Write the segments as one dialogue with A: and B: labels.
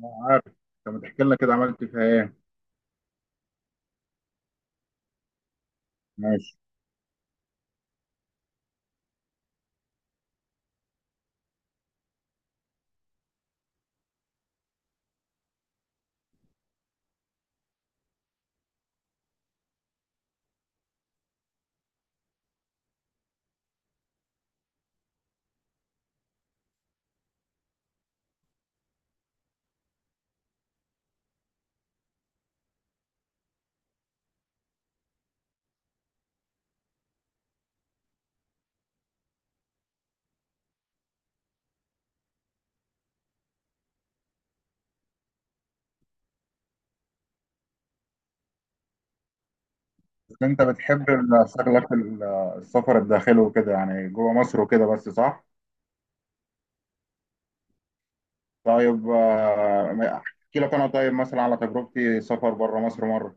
A: أنا عارف. طب ما تحكي لنا كده عملت فيها ايه؟ ماشي. بس انت بتحب السفر الداخلي وكده يعني جوه مصر وكده بس صح؟ طيب احكي لك انا طيب مثلا على تجربتي سفر بره مصر مره.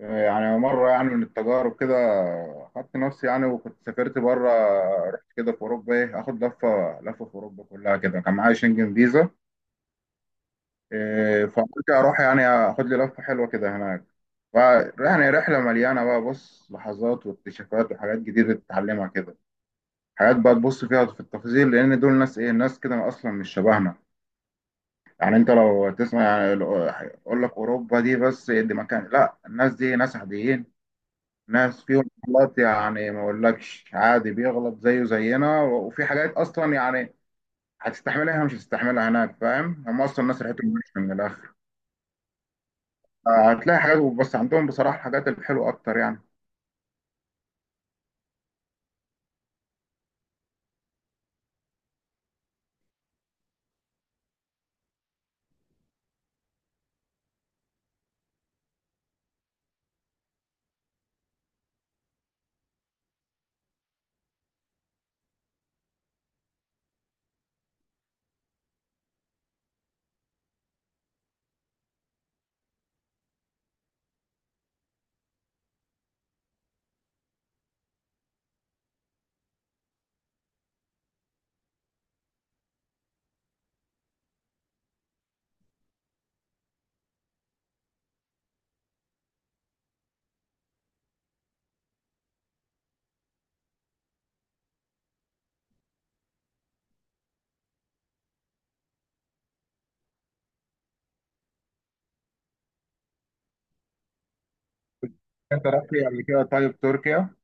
A: يعني مره يعني من التجارب كده خدت نفسي يعني وكنت سافرت بره. رحت كده في اوروبا ايه اخد لفه لفه في اوروبا كلها كده كان معايا شنجن فيزا. فقلت اروح يعني اخد لي لفه حلوه كده هناك. ف- يعني رحله مليانه بقى بص لحظات واكتشافات وحاجات جديده تتعلمها كده. حاجات بقى تبص فيها في التفاصيل لان دول ناس ايه ناس كده اصلا مش شبهنا. يعني انت لو تسمع يعني اقول لك اوروبا دي بس دي مكان لا الناس دي ناس عاديين. ناس فيهم غلط يعني ما اقولكش عادي بيغلط زيه زينا وفي حاجات اصلا يعني هتستحملها مش هتستحملها هناك فاهم هم اصلا ناس ريحتهم مش من الاخر. هتلاقي حاجات بس عندهم بصراحة الحاجات الحلوة أكتر يعني. أنت رحت قبل كده طيب تركيا؟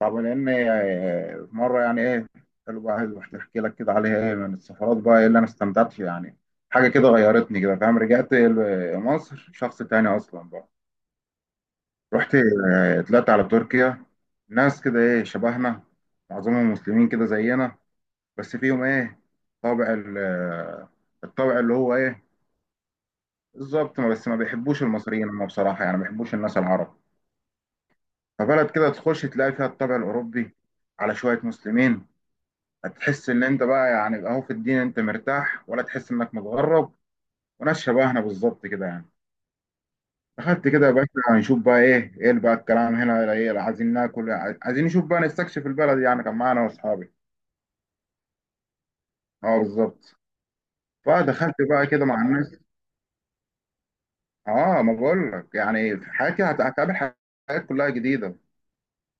A: طب لأن في مرة يعني إيه. حلو بقى عايز أحكي لك كده عليها إيه من السفرات بقى إيه اللي أنا استمتعت فيها يعني. حاجة كده غيرتني كده فاهم رجعت مصر شخص تاني أصلا بقى. رحت طلعت على تركيا. ناس كده إيه شبهنا. معظمهم مسلمين كده زينا. بس فيهم إيه طابع الطابع اللي هو إيه. بالظبط بس ما بيحبوش المصريين هم بصراحة يعني ما بيحبوش الناس العرب. فبلد كده تخش تلاقي فيها الطابع الأوروبي على شوية مسلمين. هتحس إن أنت بقى يعني أهو في الدين أنت مرتاح ولا تحس إنك متغرب. وناس شبهنا بالظبط كده يعني. دخلت كده يا باشا هنشوف بقى إيه بقى الكلام هنا إيه عايزين ناكل. عايزين نشوف بقى نستكشف البلد يعني كان معانا وأصحابي. أه بالظبط. فدخلت بقى كده مع الناس. أه ما بقول لك يعني في حياتي هتقابل حاجات كلها جديدة.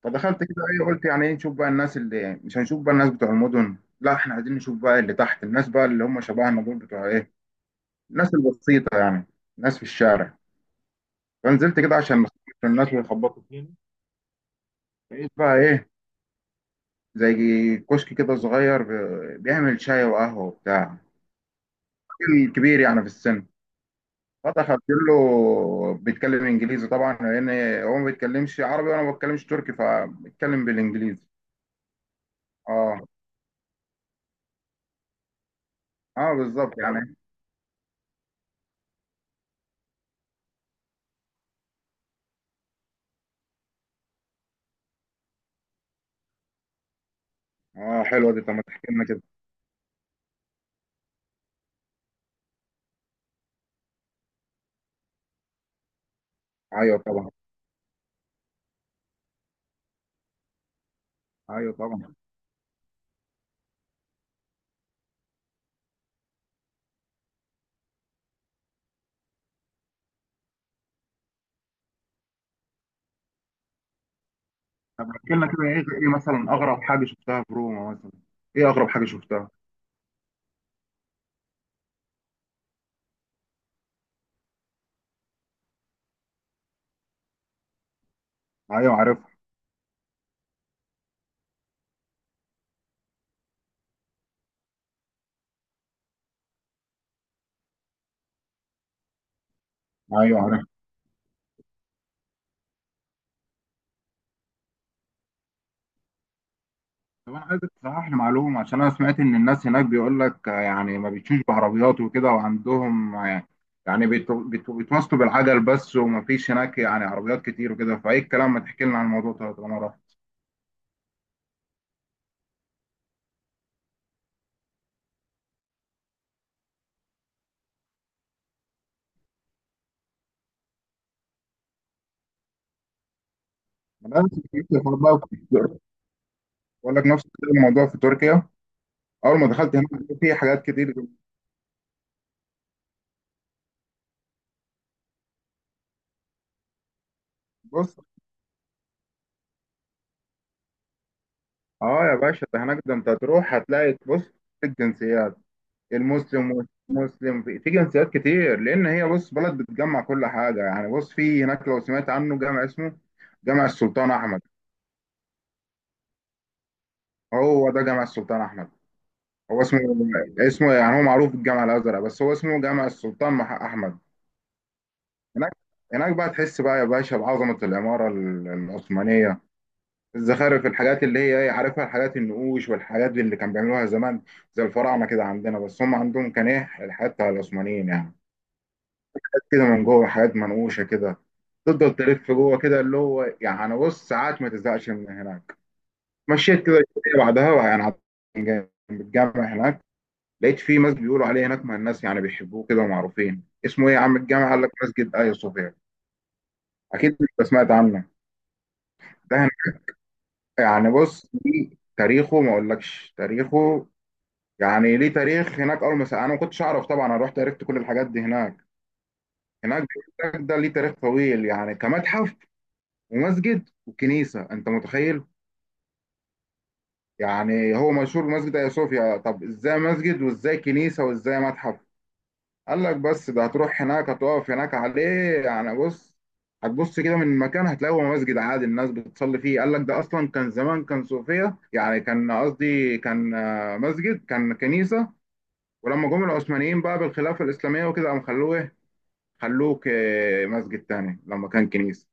A: فدخلت كده ايه قلت يعني ايه نشوف بقى الناس اللي مش هنشوف بقى الناس بتوع المدن لا احنا عايزين نشوف بقى اللي تحت الناس بقى اللي هم شبهنا دول بتوع ايه الناس البسيطة يعني. الناس في الشارع. فنزلت كده عشان ما أخبطش الناس ويخبطوا فيني. لقيت بقى ايه زي كشك كده صغير بيعمل شاي وقهوة وبتاع. راجل كبير يعني في السن. فدخلت له بيتكلم انجليزي طبعا لان هو ما بيتكلمش عربي وانا ما بتكلمش تركي فبيتكلم بالانجليزي. اه. اه بالظبط يعني. اه حلوه دي طب ما تحكي لنا كده. ايوه طبعا. ايوه طبعا. طب احكي لنا كده ايه. ايه مثلا اغرب حاجه شفتها في روما مثلا؟ ايه اغرب حاجه شفتها؟ ايوه عارفها. ايوه عارفها. طب انا عايزك تصحح لي معلومه عشان انا سمعت ان الناس هناك بيقول لك يعني ما بيتشوش بعربيات وكده وعندهم يعني بيتواصلوا بالعجل بس وما فيش هناك يعني عربيات كتير وكده فايه الكلام ما تحكي لنا عن الموضوع ده طالما رحت. أنا نفس الكلام في الحوار بقى في تركيا. بقول لك نفس الكلام الموضوع في تركيا. اول ما دخلت هناك في حاجات كتير. بص. اه يا باشا ده هناك ده انت هتروح هتلاقي بص في الجنسيات المسلم والمسلم في جنسيات كتير لان هي بص بلد بتجمع كل حاجه يعني بص في هناك لو سمعت عنه جامع اسمه جامع السلطان احمد. هو ده جامع السلطان احمد. هو اسمه اسمه يعني هو معروف بالجامع الازرق بس هو اسمه جامع السلطان احمد. هناك هناك بقى تحس بقى يا باشا بعظمه العماره العثمانيه. الزخارف الحاجات اللي هي عارفها الحاجات النقوش والحاجات اللي كان بيعملوها زمان زي الفراعنه كده عندنا بس هم عندهم كان ايه الحاجات بتاع العثمانيين يعني. حاجات كده من جوه حاجات منقوشه كده. تفضل تلف جوه كده اللي هو يعني بص ساعات ما تزهقش من هناك. مشيت كده شويه بعدها بقى يعني عند جنب الجامع هناك لقيت في مسجد بيقولوا عليه هناك ما الناس يعني بيحبوه كده ومعروفين اسمه ايه يا عم الجامع قال لك مسجد ايا صوفيا. اكيد انت سمعت عنه. ده هناك يعني بص دي تاريخه ما اقولكش تاريخه يعني ليه تاريخ هناك. اول ما انا ما كنتش اعرف طبعا انا رحت عرفت كل الحاجات دي هناك. هناك بيقول لك ده ليه تاريخ طويل يعني كمتحف ومسجد وكنيسه انت متخيل؟ يعني هو مشهور بمسجد ايا صوفيا طب ازاي مسجد وازاي كنيسه وازاي متحف؟ قال لك بس ده هتروح هناك هتقف هناك عليه. يعني بص هتبص كده من مكان هتلاقي هو مسجد عادي الناس بتصلي فيه. قال لك ده اصلا كان زمان كان صوفيا يعني كان قصدي كان مسجد كان كنيسه. ولما جم العثمانيين بقى بالخلافة الإسلامية وكده قام خلوه إيه؟ خلوه مسجد تاني لما كان كنيسة.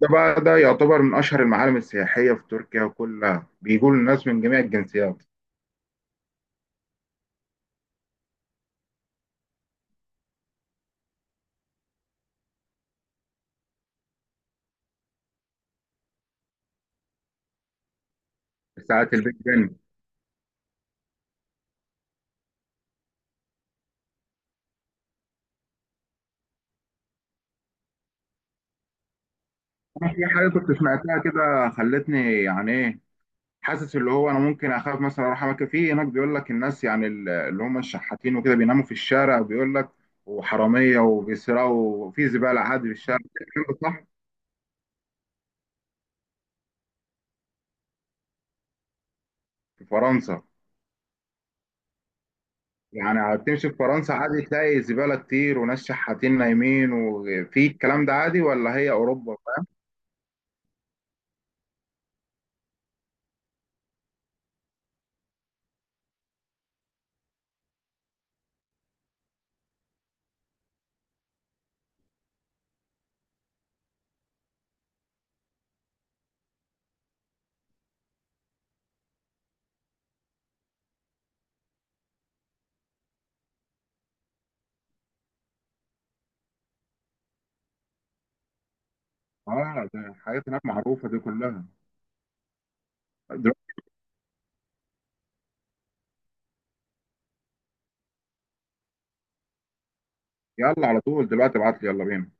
A: ده بقى ده يعتبر من أشهر المعالم السياحية في تركيا وكلها بيجوا الناس من جميع الجنسيات. ساعة البيج بن. أنا في حاجة كنت سمعتها كده خلتني يعني إيه. حاسس اللي هو أنا ممكن أخاف مثلا أروح أماكن فيه هناك بيقول لك الناس يعني اللي هم الشحاتين وكده بيناموا في الشارع بيقول لك وحرامية وبيسرقوا وفي زبالة عادي في الشارع الكلام ده صح؟ في فرنسا؟ يعني هتمشي في فرنسا عادي تلاقي زبالة كتير وناس شحاتين نايمين وفي الكلام ده عادي ولا هي أوروبا؟ اه ده الحاجات هناك معروفة دي كلها. دلوقتي. يلا على طول دلوقتي ابعت لي يلا بينا.